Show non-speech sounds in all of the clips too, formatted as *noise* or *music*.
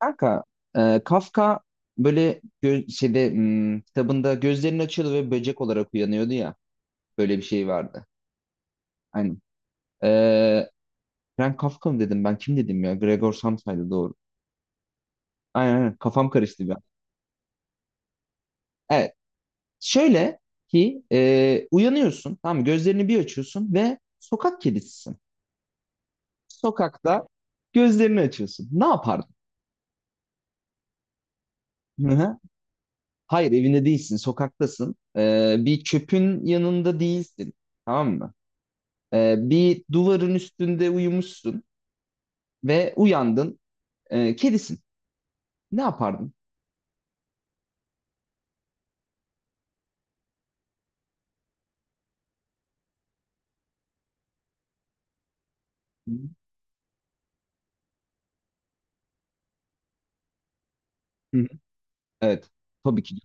Kanka, Kafka böyle kitabında gözlerini açıyordu ve böcek olarak uyanıyordu ya. Böyle bir şey vardı. Aynen. E, Frank Kafka mı dedim ben? Kim dedim ya? Gregor Samsa'ydı doğru. Aynen aynen. Kafam karıştı bir an. Evet. Şöyle ki uyanıyorsun. Tamam mı? Gözlerini bir açıyorsun ve sokak kedisisin. Sokakta gözlerini açıyorsun. Ne yapardın? Hı hı. Hayır evinde değilsin. Sokaktasın. Bir çöpün yanında değilsin. Tamam mı? Bir duvarın üstünde uyumuşsun ve uyandın. Kedisin. Ne yapardın? Hı hı. Evet. Tabii ki.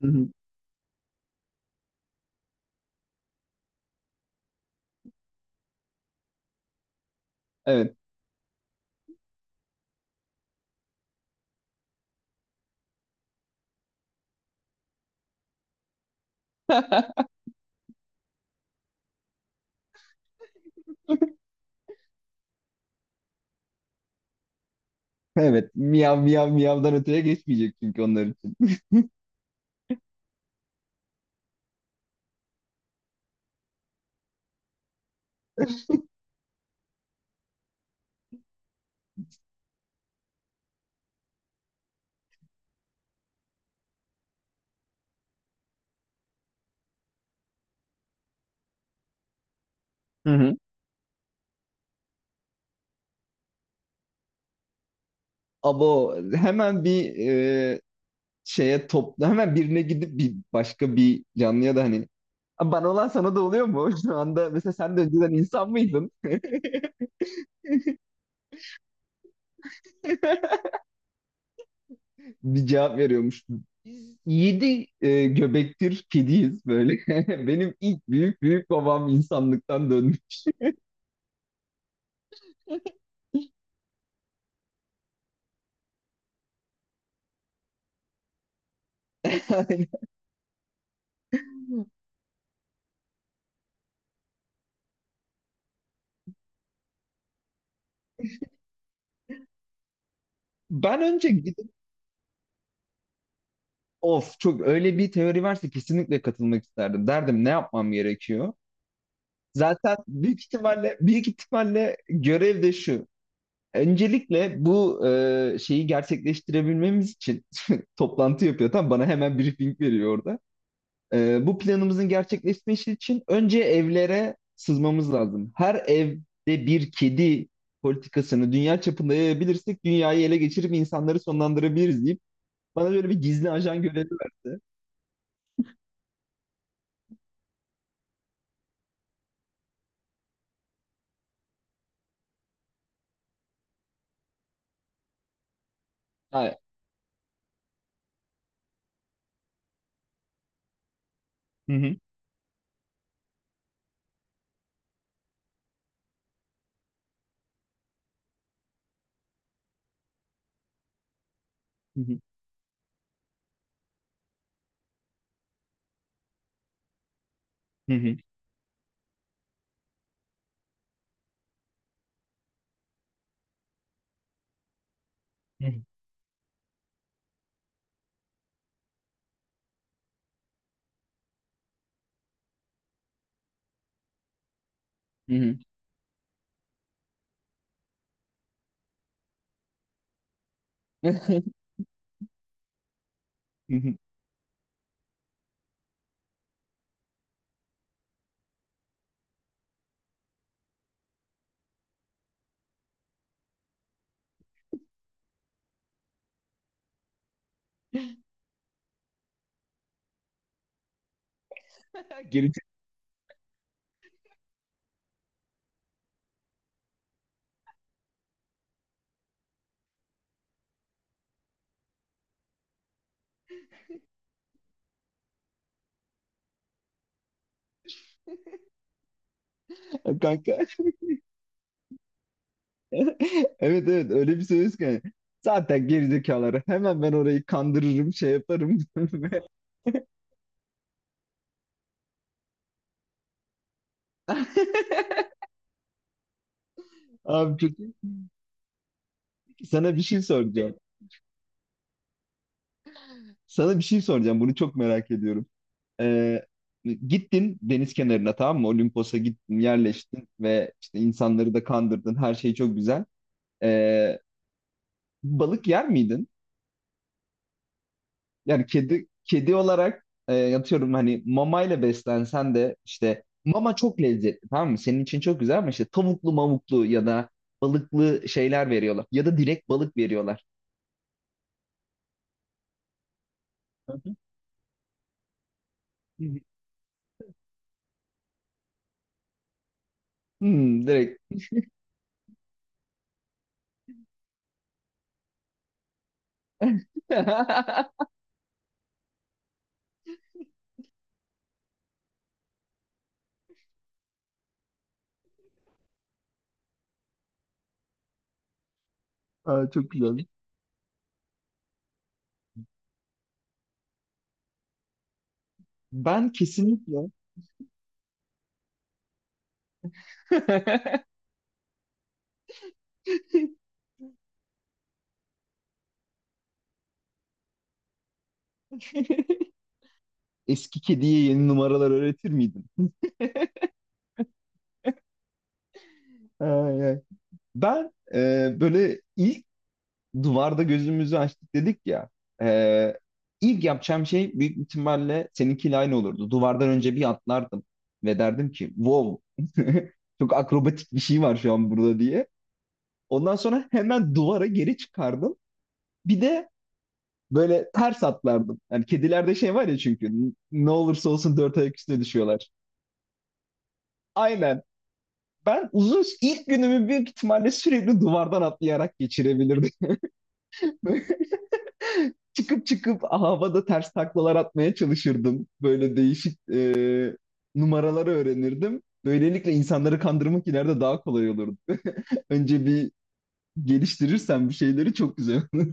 Hı hı. Evet. *laughs* Evet. Miyav miyav miyavdan öteye geçmeyecek çünkü onlar için. Hı hı. Abo hemen bir şeye topla. Hemen birine gidip bir başka bir canlıya da hani "Aa, bana olan sana da oluyor mu? *laughs* Şu anda mesela sen de önceden insan mıydın? *laughs* bir cevap veriyormuş. Biz yedi göbektir kediyiz böyle. *laughs* Benim ilk büyük büyük babam insanlıktan döndü. *laughs* Yani ben önce gidip of çok öyle bir teori varsa kesinlikle katılmak isterdim. Derdim ne yapmam gerekiyor? Zaten büyük ihtimalle görev de şu. Öncelikle bu şeyi gerçekleştirebilmemiz için *laughs* toplantı yapıyor. Tam bana hemen briefing veriyor orada. Bu planımızın gerçekleşmesi için önce evlere sızmamız lazım. Her evde bir kedi politikasını dünya çapında yayabilirsek dünyayı ele geçirip insanları sonlandırabiliriz deyip bana böyle bir gizli ajan görevi verdi. Ha. Hı hı. Hı hı. Hı hı. Hı hı. Hı hı. *laughs* Gerizekalı *laughs* kanka. *laughs* Evet evet öyle bir söz ki. Zaten gerizekaları hemen ben orayı kandırırım şey yaparım. *laughs* Abi çok- iyi. Sana bir şey soracağım. Sana bir şey soracağım. Bunu çok merak ediyorum. Ee, gittin deniz kenarına tamam mı? Olimpos'a gittin, yerleştin ve işte insanları da kandırdın. Her şey çok güzel. Ee, balık yer miydin? Yani kedi kedi olarak yatıyorum hani mamayla beslensen de işte mama çok lezzetli tamam mı? Senin için çok güzel ama işte tavuklu mamuklu ya da balıklı şeyler veriyorlar. Ya da direkt balık veriyorlar. Hı hı. Hmm, direkt. *laughs* Aa, çok güzel. Ben kesinlikle *laughs* *laughs* eski kediye yeni numaralar öğretir miydin? Ay, ay. Ben böyle ilk duvarda gözümüzü açtık dedik ya. E, ilk yapacağım şey büyük ihtimalle seninkiyle aynı olurdu. Duvardan önce bir atlardım ve derdim ki wow *laughs* çok akrobatik bir şey var şu an burada diye. Ondan sonra hemen duvara geri çıkardım. Bir de böyle ters atlardım. Yani kedilerde şey var ya çünkü ne olursa olsun dört ayak üstüne düşüyorlar. Aynen. Ben uzun ilk günümü büyük ihtimalle sürekli duvardan atlayarak geçirebilirdim. *laughs* çıkıp çıkıp havada ters taklalar atmaya çalışırdım. Böyle değişik numaraları öğrenirdim. Böylelikle insanları kandırmak ileride daha kolay olurdu. *laughs* Önce bir geliştirirsen bir şeyleri çok güzel olur.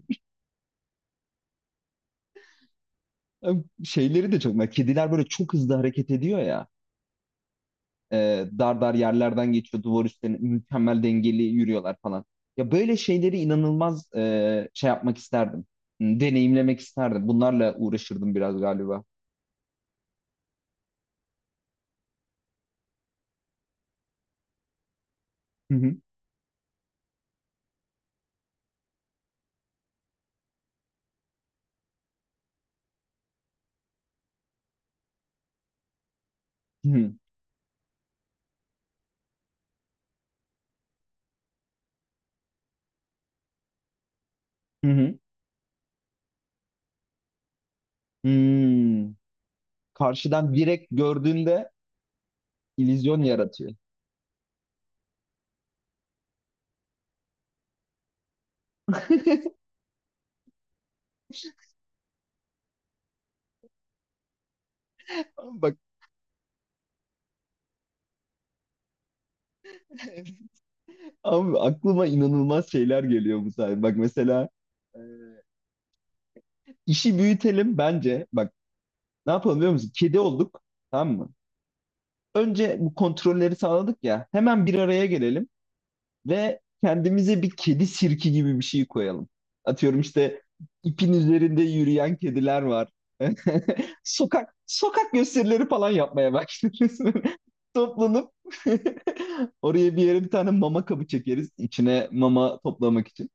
*laughs* Şeyleri de çok. Kediler böyle çok hızlı hareket ediyor ya. Dar dar yerlerden geçiyor duvar üstlerine mükemmel dengeli yürüyorlar falan. Ya böyle şeyleri inanılmaz şey yapmak isterdim. Hmm, deneyimlemek isterdim. Bunlarla uğraşırdım biraz galiba. Hı hı. Hı hı. Hı hı. Hmm. Karşıdan direkt gördüğünde illüzyon yaratıyor. *laughs* Ama bak abi aklıma inanılmaz şeyler geliyor bu sayede. Bak mesela e, işi büyütelim bence. Bak ne yapalım biliyor musun? Kedi olduk. Tamam mı? Önce bu kontrolleri sağladık ya. Hemen bir araya gelelim ve kendimize bir kedi sirki gibi bir şey koyalım. Atıyorum işte ipin üzerinde yürüyen kediler var. *laughs* Sokak sokak gösterileri falan yapmaya başlarız. *laughs* Toplanıp *laughs* oraya bir yere bir tane mama kabı çekeriz içine mama toplamak için.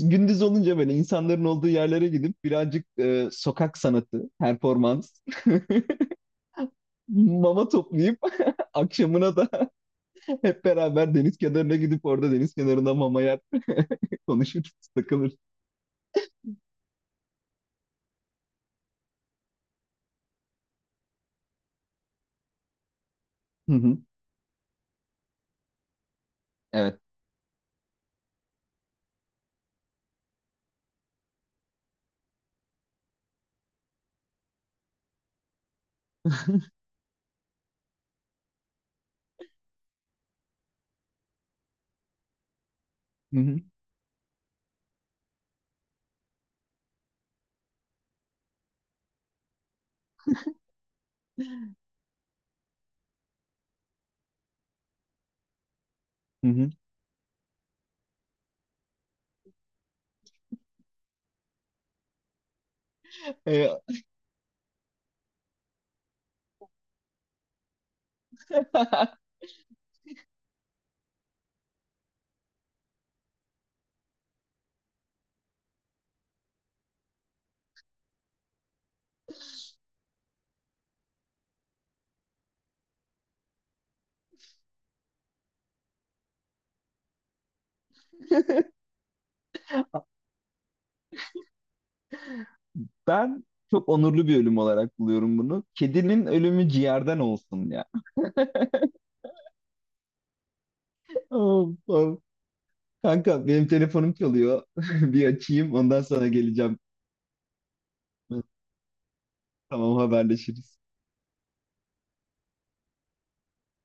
Gündüz olunca böyle insanların olduğu yerlere gidip birazcık sokak sanatı, performans, *laughs* mama toplayıp *laughs* akşamına da hep beraber deniz kenarına gidip orada deniz kenarında mama yer *laughs* konuşuruz, takılırız. Hı hı. Evet. Hı hı. Hı hı. Ee, *laughs* ben çok onurlu bir ölüm olarak buluyorum bunu. Kedinin ölümü ciğerden olsun ya. *laughs* Oh, oh. Kanka benim telefonum çalıyor. *laughs* Bir açayım ondan sonra geleceğim. Tamam haberleşiriz.